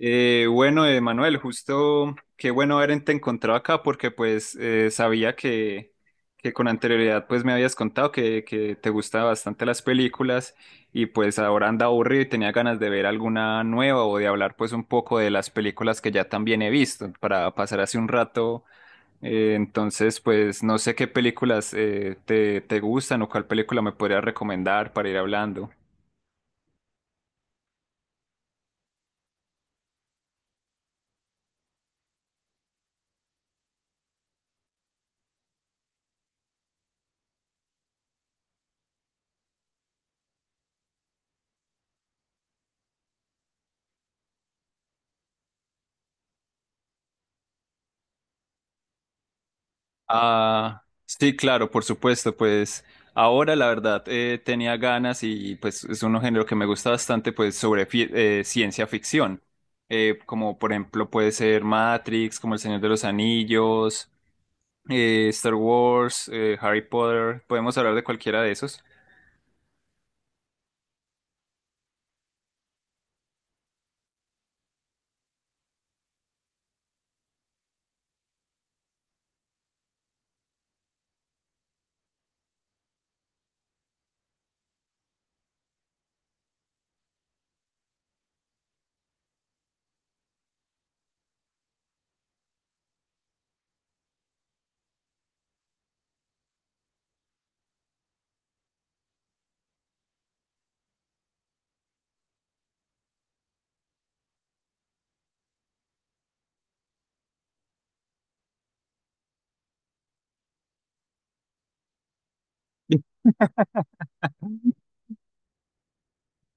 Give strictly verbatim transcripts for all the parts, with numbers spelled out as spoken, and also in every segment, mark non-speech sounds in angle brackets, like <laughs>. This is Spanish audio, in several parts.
Eh, bueno, eh, Manuel, justo qué bueno haberte encontrado acá porque pues eh, sabía que, que con anterioridad pues me habías contado que, que te gustaban bastante las películas y pues ahora anda aburrido y tenía ganas de ver alguna nueva o de hablar pues un poco de las películas que ya también he visto para pasar hace un rato. Eh, entonces pues no sé qué películas eh, te, te gustan o cuál película me podrías recomendar para ir hablando. Ah, sí, claro, por supuesto, pues ahora la verdad eh, tenía ganas y pues es un género que me gusta bastante, pues sobre fi- eh, ciencia ficción. Eh, como por ejemplo puede ser Matrix, como El Señor de los Anillos, eh, Star Wars, eh, Harry Potter, podemos hablar de cualquiera de esos.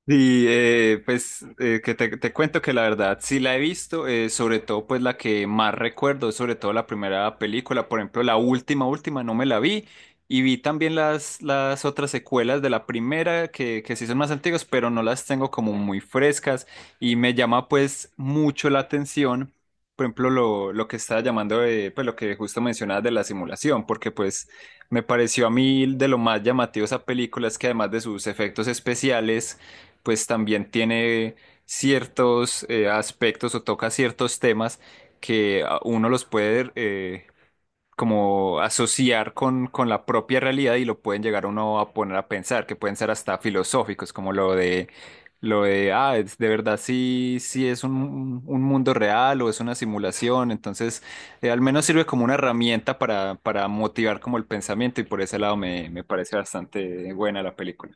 Y eh, pues eh, que te, te cuento que la verdad sí la he visto, eh, sobre todo pues la que más recuerdo, es sobre todo la primera película. Por ejemplo la última, última no me la vi y vi también las, las otras secuelas de la primera que, que sí son más antiguas, pero no las tengo como muy frescas, y me llama pues mucho la atención, por ejemplo lo, lo que estaba llamando, de, pues lo que justo mencionabas de la simulación, porque pues me pareció a mí de lo más llamativo esa película es que además de sus efectos especiales, pues también tiene ciertos eh, aspectos o toca ciertos temas que a- uno los puede eh, como asociar con, con la propia realidad y lo pueden llegar uno a poner a pensar, que pueden ser hasta filosóficos, como lo de lo de, ah, es- de verdad, sí, sí es un, un mundo real o es una simulación. Entonces eh, al menos sirve como una herramienta para, para motivar como el pensamiento, y por ese lado me, me parece bastante buena la película.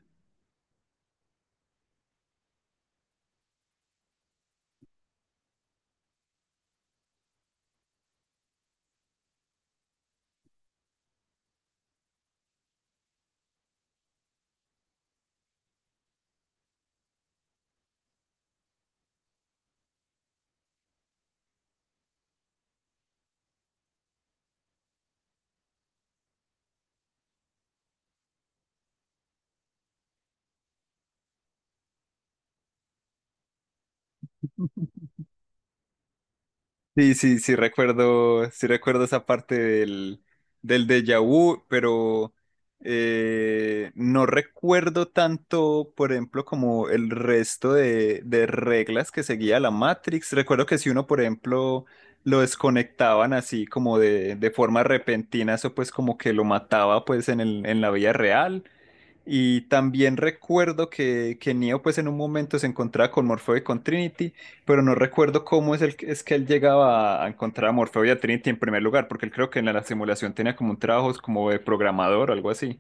Sí, sí, sí recuerdo, sí recuerdo esa parte del, del déjà vu, pero eh, no recuerdo tanto, por ejemplo, como el resto de, de reglas que seguía la Matrix. Recuerdo que si uno, por ejemplo, lo desconectaban así como de, de forma repentina, eso pues como que lo mataba pues en el, en la vida real. Y también recuerdo que, que Neo pues en un momento se encontraba con Morfeo y con Trinity, pero no recuerdo cómo es, el, es que él llegaba a encontrar a Morfeo y a Trinity en primer lugar, porque él creo que en la, la simulación tenía como un trabajo como de programador o algo así.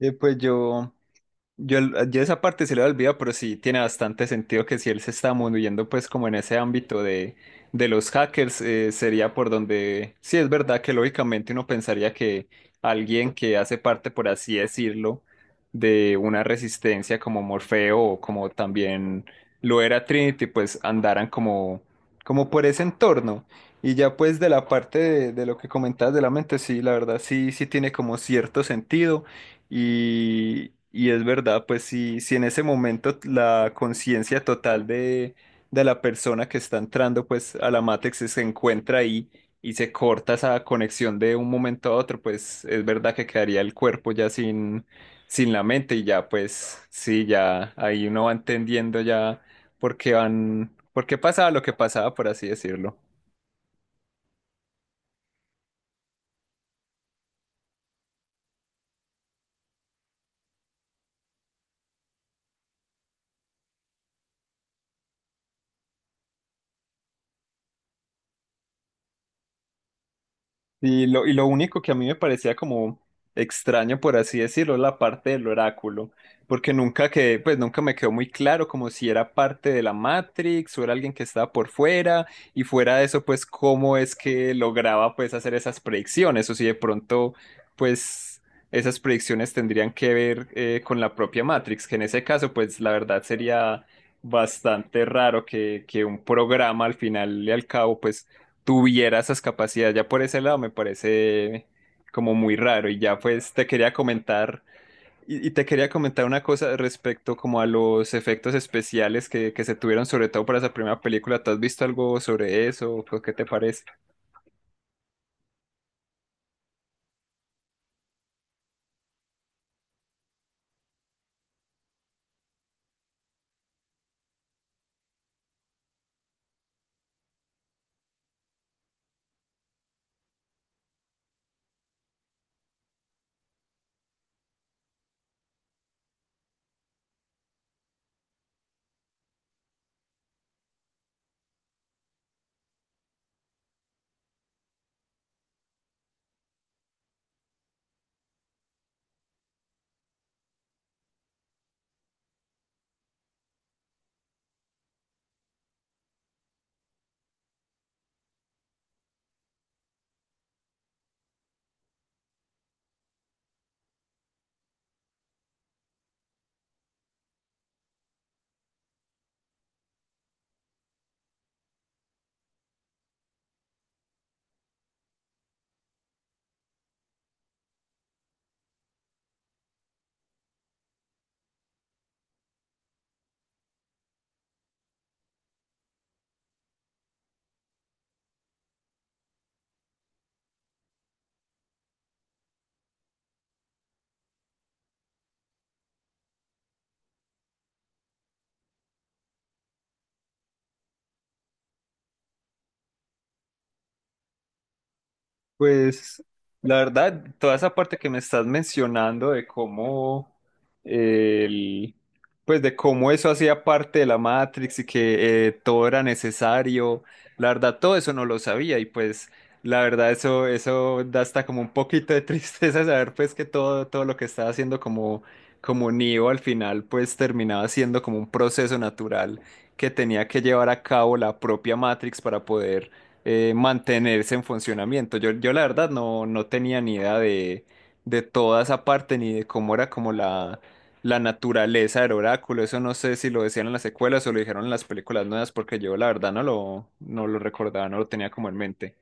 Eh, pues yo, Yo, el- yo esa parte se le olvidado, pero sí tiene bastante sentido que si él se está moviendo pues como en ese ámbito de, de los hackers. Eh, sería por donde, sí es verdad que lógicamente uno pensaría que alguien que hace parte, por así decirlo, de una resistencia como Morfeo o como también lo era Trinity, pues andaran como, como por ese entorno. Y ya pues de la parte de, de lo que comentabas de la mente, sí, la verdad sí, sí tiene como cierto sentido. Y, y es verdad, pues si, si en ese momento la conciencia total de, de la persona que está entrando pues a la Matrix se encuentra ahí y se corta esa conexión de un momento a otro, pues es verdad que quedaría el cuerpo ya sin, sin la mente, y ya pues sí, ya ahí uno va entendiendo ya por qué van, por qué pasaba lo que pasaba, por así decirlo. Y lo, y lo único que a mí me parecía como extraño, por así decirlo, es la parte del oráculo, porque nunca que, pues nunca me quedó muy claro como si era parte de la Matrix o era alguien que estaba por fuera. Y fuera de eso, pues cómo es que lograba pues hacer esas predicciones, o si de pronto, pues esas predicciones tendrían que ver eh, con la propia Matrix, que en ese caso, pues la verdad sería bastante raro que, que un programa al final y al cabo, pues tuviera esas capacidades. Ya por ese lado me parece como muy raro. Y ya pues te quería comentar, y, y te quería comentar una cosa respecto como a los efectos especiales que, que se tuvieron, sobre todo para esa primera película. ¿Tú has visto algo sobre eso? ¿Qué qué te parece? Pues la verdad, toda esa parte que me estás mencionando de cómo el, pues de cómo eso hacía parte de la Matrix y que eh, todo era necesario, la verdad todo eso no lo sabía. Y pues la verdad eso eso da hasta como un poquito de tristeza <laughs> saber pues que todo todo lo que estaba haciendo como como Neo al final pues terminaba siendo como un proceso natural que tenía que llevar a cabo la propia Matrix para poder eh, mantenerse en funcionamiento. Yo, yo la verdad no, no tenía ni idea de, de toda esa parte ni de cómo era como la, la naturaleza del oráculo. Eso no sé si lo decían en las secuelas o lo dijeron en las películas nuevas, porque yo la verdad no lo, no lo recordaba, no lo tenía como en mente.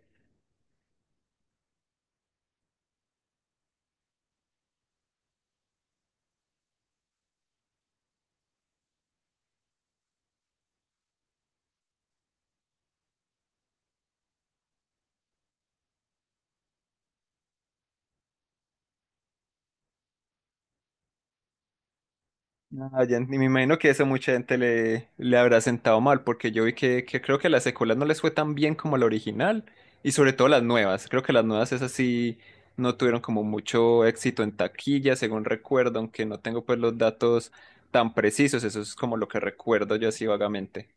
Ah, ya, y me imagino que eso mucha gente le, le habrá sentado mal, porque yo vi que, que creo que las secuelas no les fue tan bien como la original, y sobre todo las nuevas. Creo que las nuevas esas sí no tuvieron como mucho éxito en taquilla, según recuerdo, aunque no tengo pues los datos tan precisos, eso es como lo que recuerdo yo así vagamente.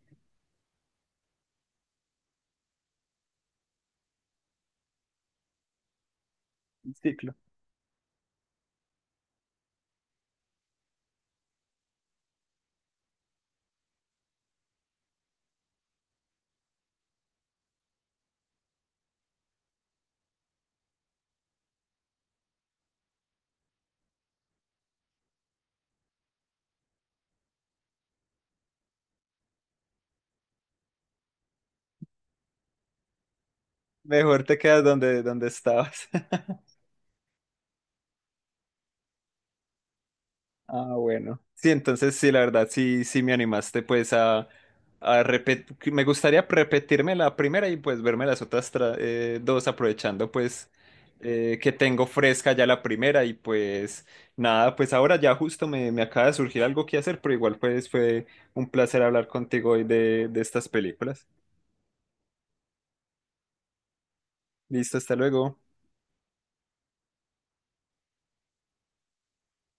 Sí, claro. Mejor te quedas donde, donde estabas. <laughs> Ah, bueno. Sí, entonces sí, la verdad, sí, sí me animaste pues a, a repetir, me gustaría repetirme la primera y pues verme las otras tra- eh, dos aprovechando pues eh, que tengo fresca ya la primera. Y pues nada, pues ahora ya justo me, me acaba de surgir algo que hacer, pero igual pues fue un placer hablar contigo hoy de, de estas películas. Listo, hasta luego.